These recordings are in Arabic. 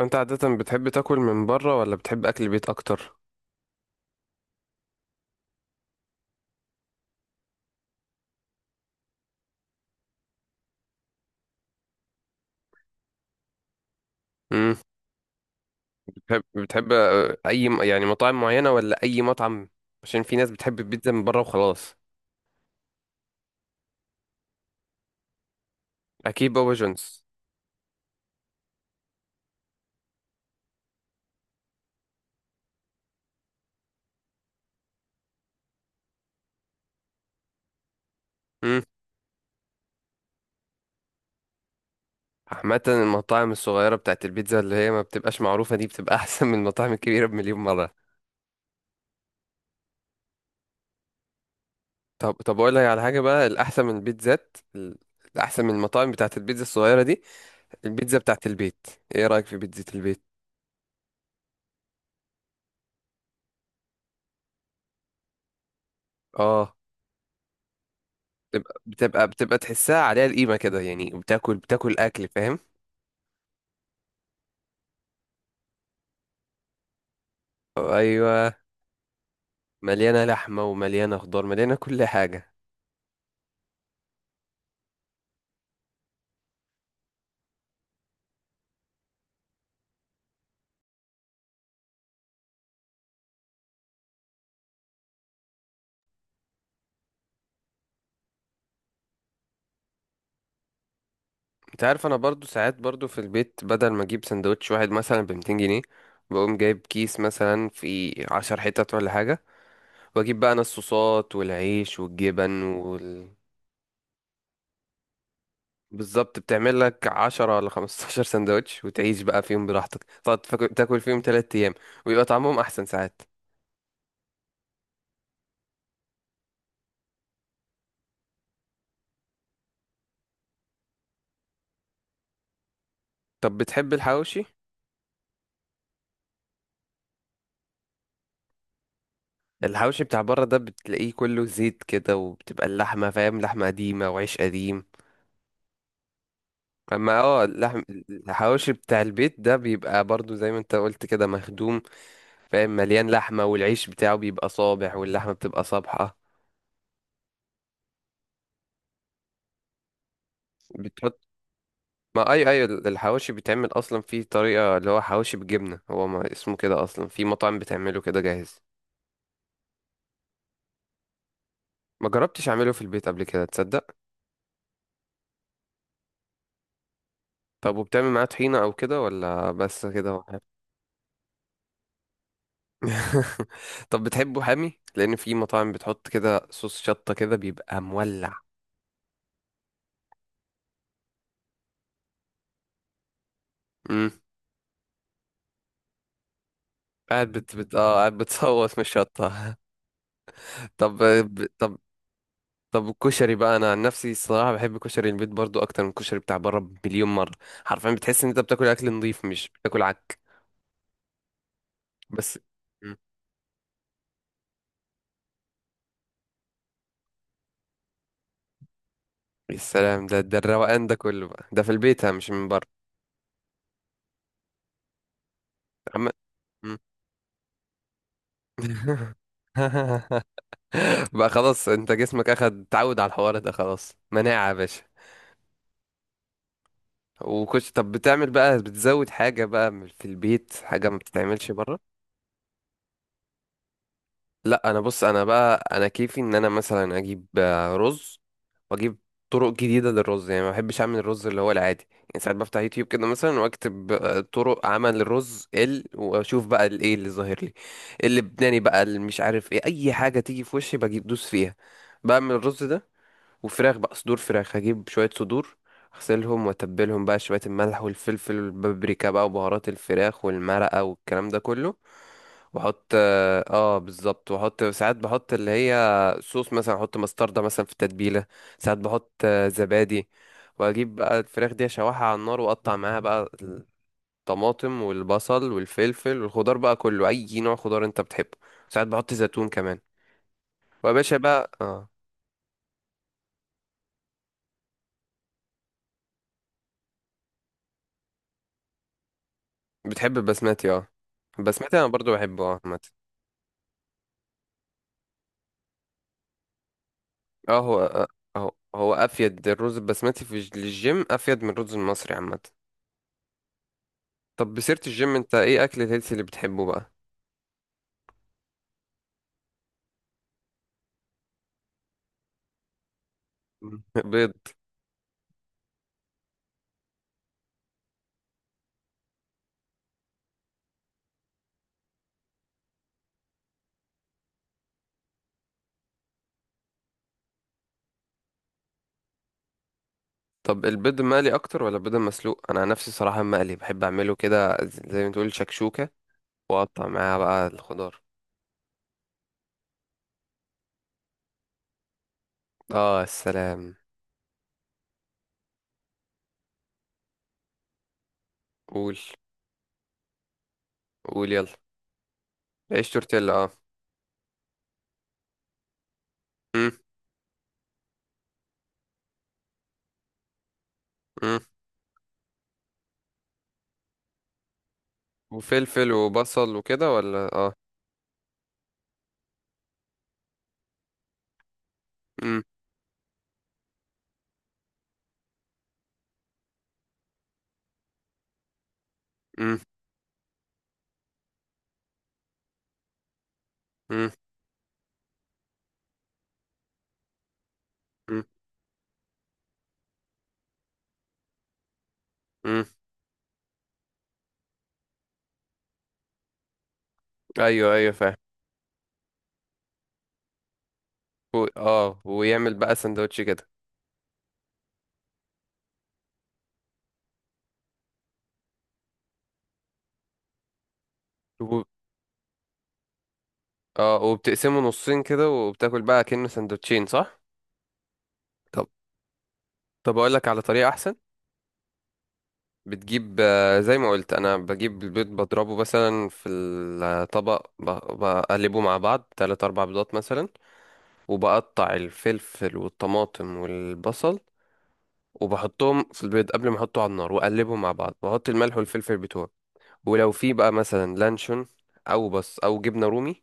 انت عادة بتحب تاكل من بره ولا بتحب اكل البيت اكتر؟ امم بتحب اي يعني مطاعم معينة ولا اي مطعم؟ عشان في ناس بتحب البيتزا من بره وخلاص. اكيد بابا جونز. امم عامة المطاعم الصغيرة بتاعت البيتزا اللي هي ما بتبقاش معروفة دي بتبقى احسن من المطاعم الكبيرة بمليون مرة. طب اقول لك على حاجة بقى، الاحسن من المطاعم بتاعت البيتزا الصغيرة دي، البيتزا بتاعت البيت. ايه رأيك في بيتزا البيت؟ اه، بتبقى تحسها عليها القيمة كده، يعني بتاكل اكل، فاهم. ايوه، مليانه لحمه ومليانه خضار، مليانه كل حاجه. انت عارف، انا برضو ساعات برضو في البيت، بدل ما اجيب سندوتش واحد مثلا ب 200 جنيه، بقوم جايب كيس مثلا في 10 حتت ولا حاجه، واجيب بقى انا الصوصات والعيش والجبن وال... بالظبط، بتعمل لك 10 ولا 15 سندوتش وتعيش بقى فيهم براحتك، تقعد تاكل فيهم 3 ايام ويبقى طعمهم احسن ساعات. طب بتحب الحواوشي؟ الحواوشي بتاع بره ده بتلاقيه كله زيت كده، وبتبقى اللحمه، فاهم، لحمه قديمه وعيش قديم. اما اللحم، الحواوشي بتاع البيت ده بيبقى برضو زي ما انت قلت كده مخدوم، فاهم، مليان لحمة والعيش بتاعه بيبقى صابح واللحمة بتبقى صابحة. بتحط؟ ما اي الحواوشي بيتعمل اصلا في طريقة اللي هو حواوشي بالجبنة، هو ما اسمه كده اصلا، في مطاعم بتعمله كده جاهز. ما جربتش اعمله في البيت قبل كده، تصدق؟ طب وبتعمل معاه طحينة او كده ولا بس كده هو حامي؟ طب بتحبه حامي لان في مطاعم بتحط كده صوص شطة كده بيبقى مولع. قاعد بت بت اه قاعد بتصوت من الشطة. طب ب- طب طب الكشري بقى، انا عن نفسي الصراحة بحب كشري البيت برضو اكتر من الكشري بتاع بره بمليون مرة. حرفيا بتحس ان انت بتاكل اكل نظيف، مش بتاكل عك. بس. مم. يا سلام، ده الروقان ده كله بقى ده في البيت، ها، مش من بره. عم... مم. بقى خلاص، انت جسمك اخد تعود على الحوار ده، خلاص مناعة يا باشا. طب بتعمل بقى، بتزود حاجة بقى في البيت حاجة ما بتتعملش بره؟ لا، انا بص، انا بقى، انا كيفي ان انا مثلا اجيب رز، واجيب طرق جديده للرز، يعني ما بحبش اعمل الرز اللي هو العادي، يعني ساعات بفتح يوتيوب كده مثلا واكتب طرق عمل الرز ال واشوف بقى الايه اللي ظاهر لي اللبناني بقى اللي مش عارف ايه، اي حاجه تيجي في وشي بجيب دوس فيها، بعمل الرز ده، وفراخ بقى، صدور فراخ، هجيب شويه صدور، اغسلهم واتبلهم بقى شويه، الملح والفلفل والبابريكا بقى وبهارات الفراخ والمرقه والكلام ده كله، واحط بالظبط، واحط ساعات بحط اللي هي صوص، مثلا احط مستردة مثلا في التتبيلة، ساعات بحط زبادي، واجيب بقى الفراخ دي اشوحها على النار واقطع معاها بقى الطماطم والبصل والفلفل والخضار بقى كله، اي نوع خضار انت بتحبه، ساعات بحط زيتون كمان، ويا باشا بقى اه. بتحب البسمتي؟ اه، البسمتي انا برضو بحبه عامة. اه، هو هو افيد الرز البسمتي في للجيم افيد من الرز المصري عامة. طب بسيرة الجيم، انت ايه اكل الهيلثي اللي بتحبه بقى؟ بيض. طب البيض المقلي اكتر ولا البيض المسلوق؟ انا عن نفسي صراحه المقلي بحب اعمله كده زي ما تقول شكشوكه، واقطع معاها بقى الخضار. اه السلام. قول، قول يلا. عيش تورتيلا، اه. مم. مم. وفلفل وبصل وكده ولا اه. مم. مم. مم. مم. مم. ايوه ايوه، فاهم. ويعمل بقى سندوتش كده. و- اه وبتقسمه نصين كده وبتاكل بقى كأنه سندوتشين، صح؟ طب طب اقول لك على طريقه احسن. بتجيب زي ما قلت، انا بجيب البيض بضربه مثلا في الطبق، بقلبه مع بعض، تلات اربع بيضات مثلا، وبقطع الفلفل والطماطم والبصل وبحطهم في البيض قبل ما احطه على النار، واقلبهم مع بعض واحط الملح والفلفل بتوعي. ولو في بقى مثلا لانشون او جبنه رومي،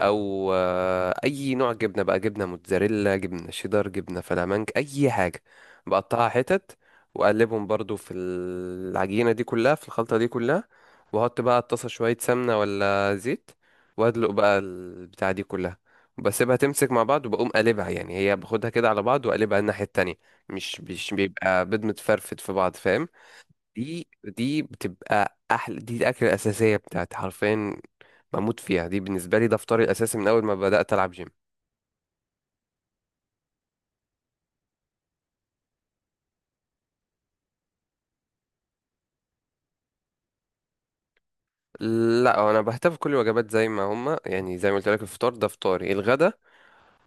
او اي نوع جبنه بقى، جبنه موتزاريلا، جبنه شيدر، جبنه فلامنك، اي حاجه، بقطعها حتت واقلبهم برضو في العجينه دي كلها، في الخلطه دي كلها، واحط بقى على الطاسه شويه سمنه ولا زيت، وادلق بقى البتاع دي كلها وبسيبها تمسك مع بعض، وبقوم قلبها، يعني هي باخدها كده على بعض، وقلبها الناحيه التانية، مش بيبقى بيض متفرفت في بعض، فاهم. دي بتبقى احلى، دي الاكله الاساسيه بتاعتي حرفيا، بموت فيها دي، بالنسبة لي ده فطاري الأساسي من أول ما بدأت ألعب جيم. لا، أنا بهتف كل الوجبات زي ما هما، يعني زي ما قلت لك، الفطار ده فطاري. الغدا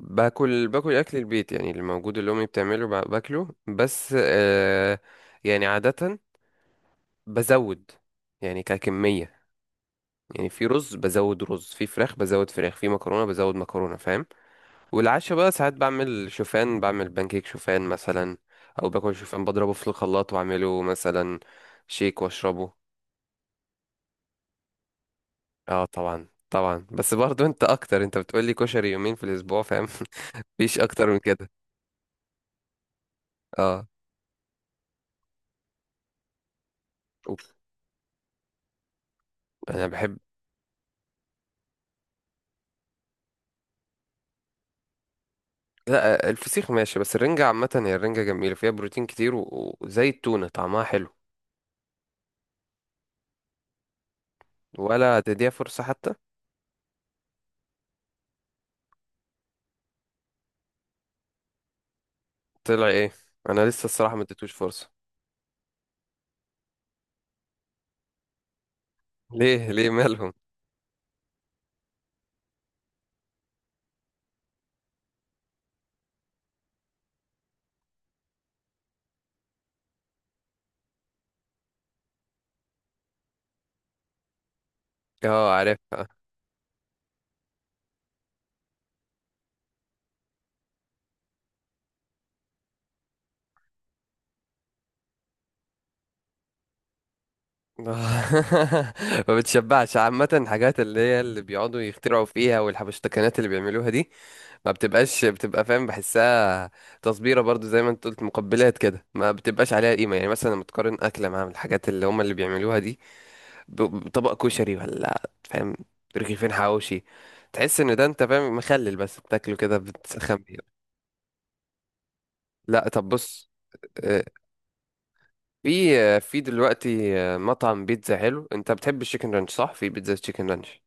باكل أكل البيت، يعني اللي موجود، اللي أمي بتعمله باكله، بس آه، يعني عادة بزود، يعني ككمية، يعني في رز بزود رز، في فراخ بزود فراخ، في مكرونة بزود مكرونة، فاهم. والعشاء بقى ساعات بعمل شوفان، بعمل بانكيك شوفان مثلا، أو باكل شوفان بضربه في الخلاط وأعمله مثلا شيك وأشربه. اه طبعا طبعا، بس برضو انت اكتر، انت بتقولي كشري يومين في الاسبوع، فاهم. مفيش اكتر من كده. اه. أوف. انا بحب. لا، الفسيخ ماشي، بس الرنجة عامة، هي الرنجة جميلة فيها بروتين كتير، وزي التونة طعمها حلو. ولا تديها فرصة حتى؟ طلع ايه؟ انا لسه الصراحة ما اديتوش فرصة. ليه ليه مالهم؟ اه عارف. ما بتشبعش عامة، الحاجات اللي هي اللي بيقعدوا يخترعوا فيها والحبشتكنات اللي بيعملوها دي ما بتبقاش، بتبقى، فاهم، بحسها تصبيرة برضو، زي ما انت قلت مقبلات كده، ما بتبقاش عليها قيمة، يعني مثلا لما تقارن أكلة مع الحاجات اللي هم اللي بيعملوها دي بطبق كشري ولا فاهم، رغيفين حواوشي، تحس ان ده، انت فاهم، مخلل بس بتاكله كده بتسخن بيه. لا طب بص، آه، في دلوقتي مطعم بيتزا حلو. انت بتحب الشيكن رانش؟ صح، في بيتزا تشيكن رانش،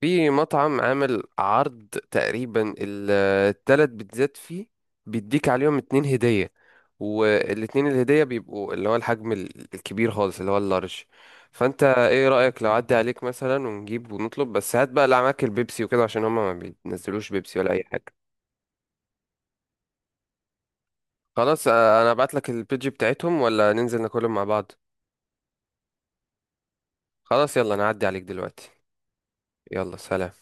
في مطعم عامل عرض تقريبا التلات بيتزات فيه بيديك عليهم اتنين هدية، والاتنين الهدية بيبقوا اللي هو الحجم الكبير خالص، اللي هو اللارج. فانت ايه رأيك لو عدى عليك مثلا ونجيب ونطلب؟ بس هات بقى اللي معاك البيبسي وكده، عشان هما ما بينزلوش بيبسي ولا اي حاجة. خلاص، انا ابعت لك البيج بتاعتهم ولا ننزل ناكلهم مع بعض؟ خلاص يلا، انا هعدي عليك دلوقتي. يلا سلام.